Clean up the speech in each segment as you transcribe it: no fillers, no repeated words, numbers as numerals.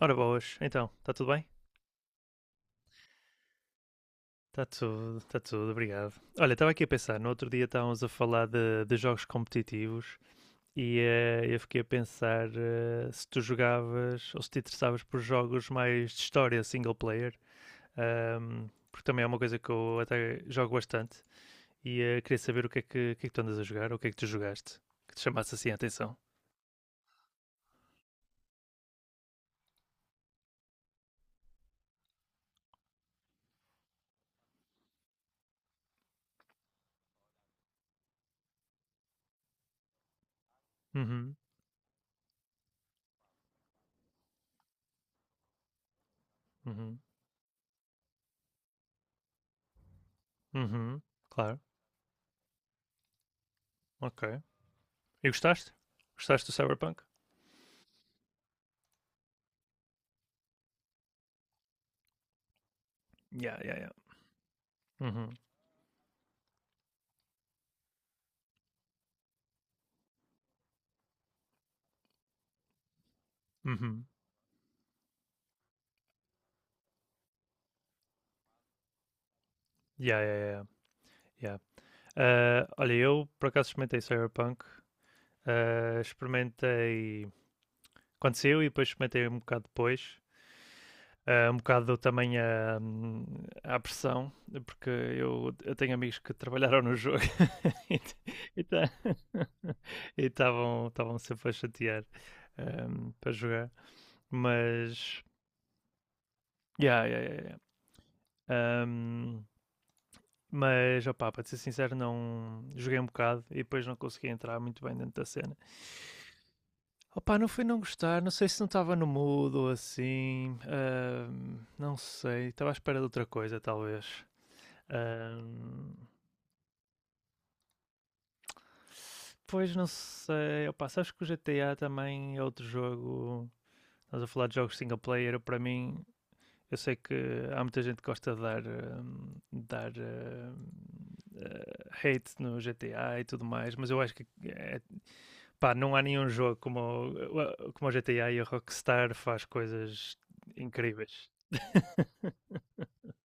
Ora boas, então, está tudo bem? Está tudo, obrigado. Olha, estava aqui a pensar, no outro dia estávamos a falar de jogos competitivos e eu fiquei a pensar se tu jogavas ou se te interessavas por jogos mais de história single player, porque também é uma coisa que eu até jogo bastante e queria saber o que é que tu andas a jogar, ou o que é que tu jogaste, que te chamasse assim a atenção. Uhum, uhum, uhum, claro. Ok. E gostaste? Gostaste do Cyberpunk? Yeah, yeah, yeah. Uhum. Uhum. Yeah, yeah, yeah, yeah. Ah, olha, eu por acaso experimentei Cyberpunk. Ah, experimentei quando saiu e depois experimentei um bocado depois. Ah, um bocado também a pressão, porque eu tenho amigos que trabalharam no jogo e estavam sempre a chatear para jogar. Mas, yeah, yeah, yeah, yeah. Um, Mas, opá, para ser sincero, não joguei um bocado e depois não consegui entrar muito bem dentro da cena. Opá, não foi não gostar, não sei se não estava no mood ou assim, não sei, estava à espera de outra coisa, talvez. Ahm, pois não sei, opá, sabes que o GTA também é outro jogo, estás a falar de jogos single player, para mim, eu sei que há muita gente que gosta de dar, dar hate no GTA e tudo mais, mas eu acho que é. Pá, não há nenhum jogo como, como o GTA e a Rockstar faz coisas incríveis.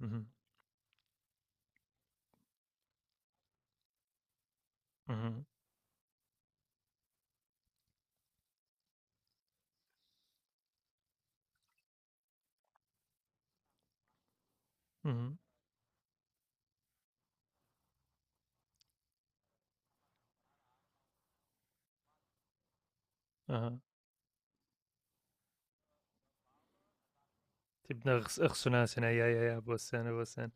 Uhum, uhum, uhum, aham. Tipo na a ressonância, né? Yeah, yeah, yeah, boa cena, boa cena.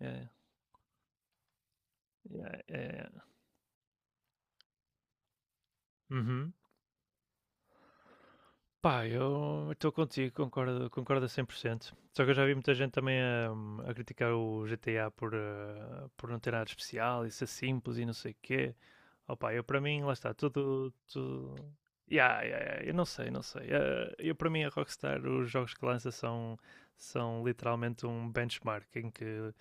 Yeah, yeah, yeah, yeah. Uhum. Pá, eu estou contigo, concordo, concordo a cem por cento. Só que eu já vi muita gente também criticar o GTA por, por não ter nada de especial e ser simples e não sei o quê. Opa, eu para mim, lá está, tudo... Yeah, yeah, yeah, eu não sei, não sei. Eh, eu para mim, a Rockstar, os jogos que lança são literalmente um benchmark em que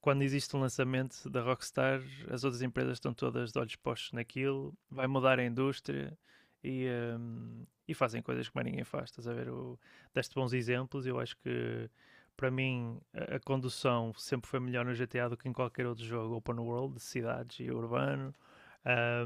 quando existe um lançamento da Rockstar, as outras empresas estão todas de olhos postos naquilo, vai mudar a indústria e, e fazem coisas que mais ninguém faz. Estás a ver? Deste bons exemplos, eu acho que para mim a condução sempre foi melhor no GTA do que em qualquer outro jogo open world, de cidades e urbano.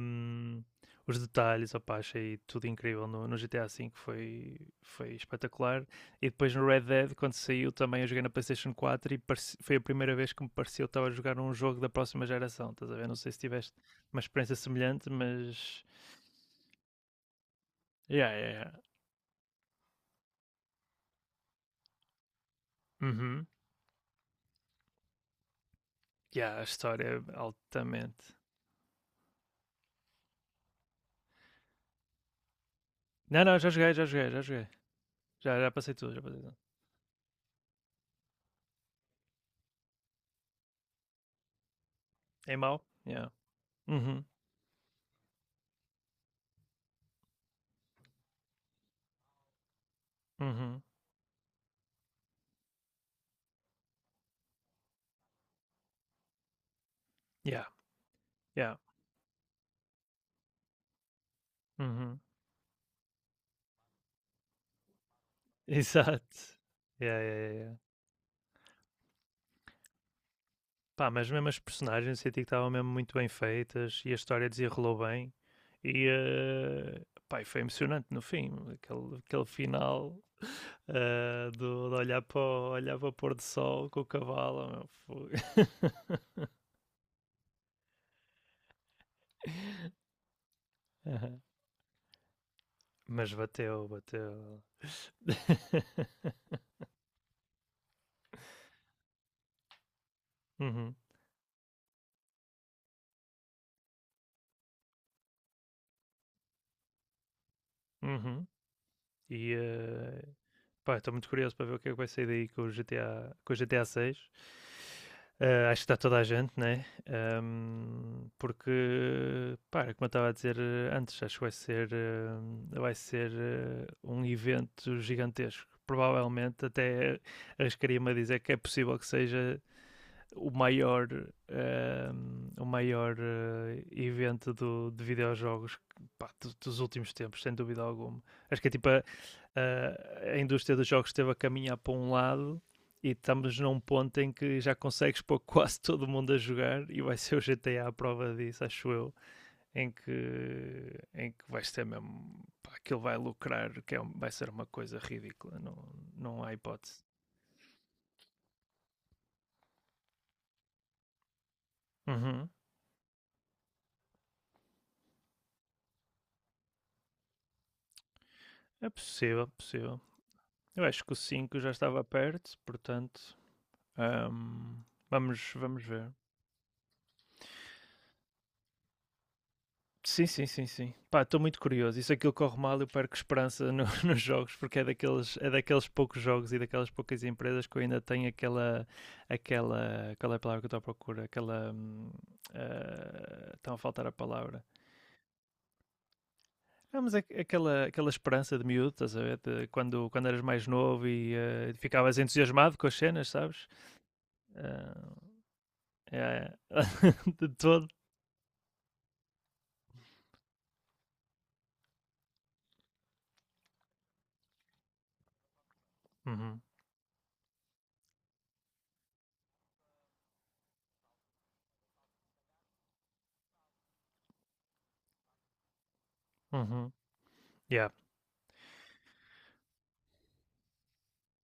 Um, os detalhes, opa, achei tudo incrível no GTA V, foi, foi espetacular. E depois no Red Dead, quando saiu, também eu joguei na PlayStation 4 e foi a primeira vez que me pareceu que estava a jogar um jogo da próxima geração. Estás a ver? Não sei se tiveste uma experiência semelhante, mas. Yeah, yeah, yeah. Uhum. Yeah, a história é altamente. Não, não, já joguei, já joguei, já joguei. Já, já passei tudo, já passei tudo. É mau? Yeah. Uhum. Uhum. Yeah. Yeah. Uhum. Exato. Yeah, yeah, yeah, yeah. Pá, mas mesmo as personagens senti que estavam mesmo muito bem feitas e a história desenrolou bem. E, pá, e foi emocionante no fim, aquele, aquele final do, de olhar para o pôr do sol com o cavalo. Meu, foi. Mas bateu, bateu. Uhum, uhum. E, pá, estou muito curioso para ver o que é que vai sair daí com o GTA, com o GTA 6. Acho que está toda a gente, né? Porque, pá, é como eu estava a dizer antes, acho que vai ser um evento gigantesco. Provavelmente, até arriscaria-me a dizer que é possível que seja o maior, o maior evento de videojogos, pá, dos últimos tempos, sem dúvida alguma. Acho que é tipo a indústria dos jogos esteve a caminhar para um lado e estamos num ponto em que já consegues pôr quase todo mundo a jogar e vai ser o GTA a prova disso, acho eu, em que, em que vai ser mesmo, pá, aquilo vai lucrar, que é vai ser uma coisa ridícula, não, não há hipótese. Uhum. É possível, possível. Eu acho que o cinco já estava perto, portanto, ahm, vamos ver. Sim, sim, sim, sim. Pá, estou muito curioso. E se aquilo corre mal, eu perco esperança nos jogos, porque é daqueles poucos jogos e daquelas poucas empresas que eu ainda tenho aquela. Qual é a palavra que eu estou à procura? Aquela. Estão a faltar a palavra. Não, mas aquela esperança de miúdo, estás a ver? De quando, quando eras mais novo e ficavas entusiasmado com as cenas, sabes? Ah, é, de todo. Uhum. Uhum. Yeah.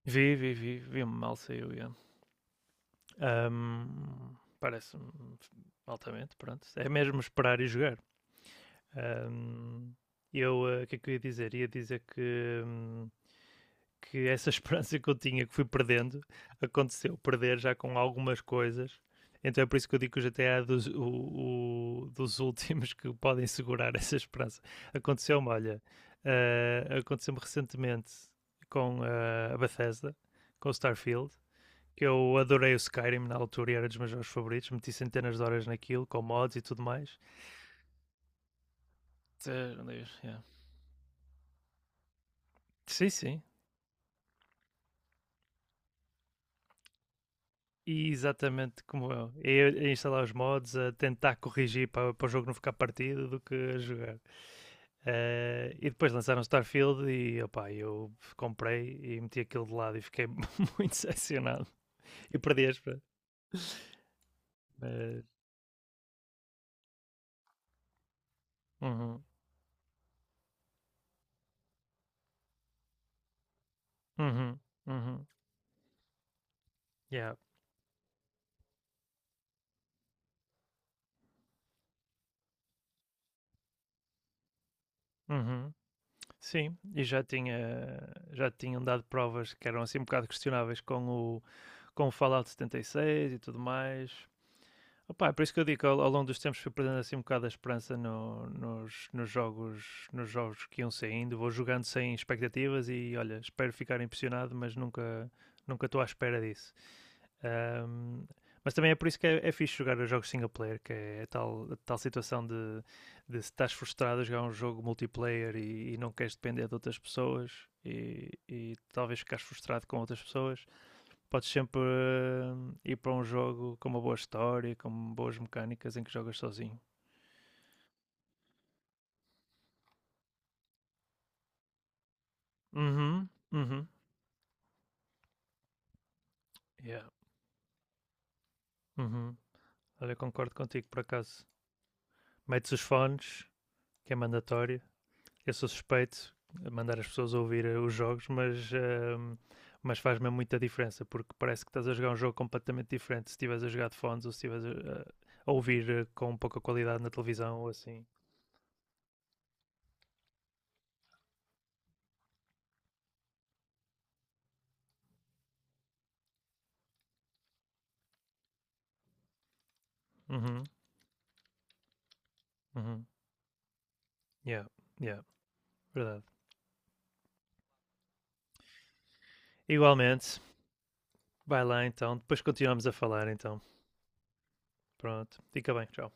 Vi mal saiu, yeah. Parece-me altamente, pronto. É mesmo esperar e jogar. Ahm, o que é que eu ia dizer? Ia dizer que essa esperança que eu tinha, que fui perdendo, aconteceu. Perder já com algumas coisas. Então é por isso que eu digo que o GTA é dos últimos que podem segurar essa esperança. Aconteceu-me, olha, eh, aconteceu-me recentemente com a Bethesda, com o Starfield, que eu adorei o Skyrim na altura e era dos meus jogos favoritos. Meti centenas de horas naquilo, com mods e tudo mais. Eh, yeah. Sim, sim. Exatamente como eu. É a instalar os mods, a tentar corrigir para, para o jogo não ficar partido do que a jogar. E depois lançaram Starfield e opá, eu comprei e meti aquilo de lado e fiquei muito decepcionado. E perdi a esperança. Mas, uhum, uhum, uhum, yeah, uhum. Sim, e já tinham dado provas que eram assim um bocado questionáveis com o Fallout 76 e seis e tudo mais. Opa, é por isso que eu digo que ao longo dos tempos fui perdendo assim um bocado a esperança nos jogos, nos jogos, que iam saindo. Vou jogando sem expectativas e olha, espero ficar impressionado, mas nunca estou à espera disso. Ahm, mas também é por isso que é fixe jogar os jogos single player, que é a tal situação de se estás frustrado a jogar um jogo multiplayer e, não queres depender de outras pessoas e, talvez ficares frustrado com outras pessoas podes sempre ir para um jogo com uma boa história, com boas mecânicas em que jogas sozinho. Uhum, uhum, yeah, uhum. Olha, eu concordo contigo por acaso. Metes os fones, que é mandatório. Eu sou suspeito a mandar as pessoas ouvir os jogos, mas, mas faz mesmo muita diferença, porque parece que estás a jogar um jogo completamente diferente se estiveres a jogar de fones ou se estiveres a ouvir com pouca qualidade na televisão ou assim. Uhum, uhum, yeah, yeah, verdade. Igualmente. Vai lá então, depois continuamos a falar então. Pronto, fica bem, tchau.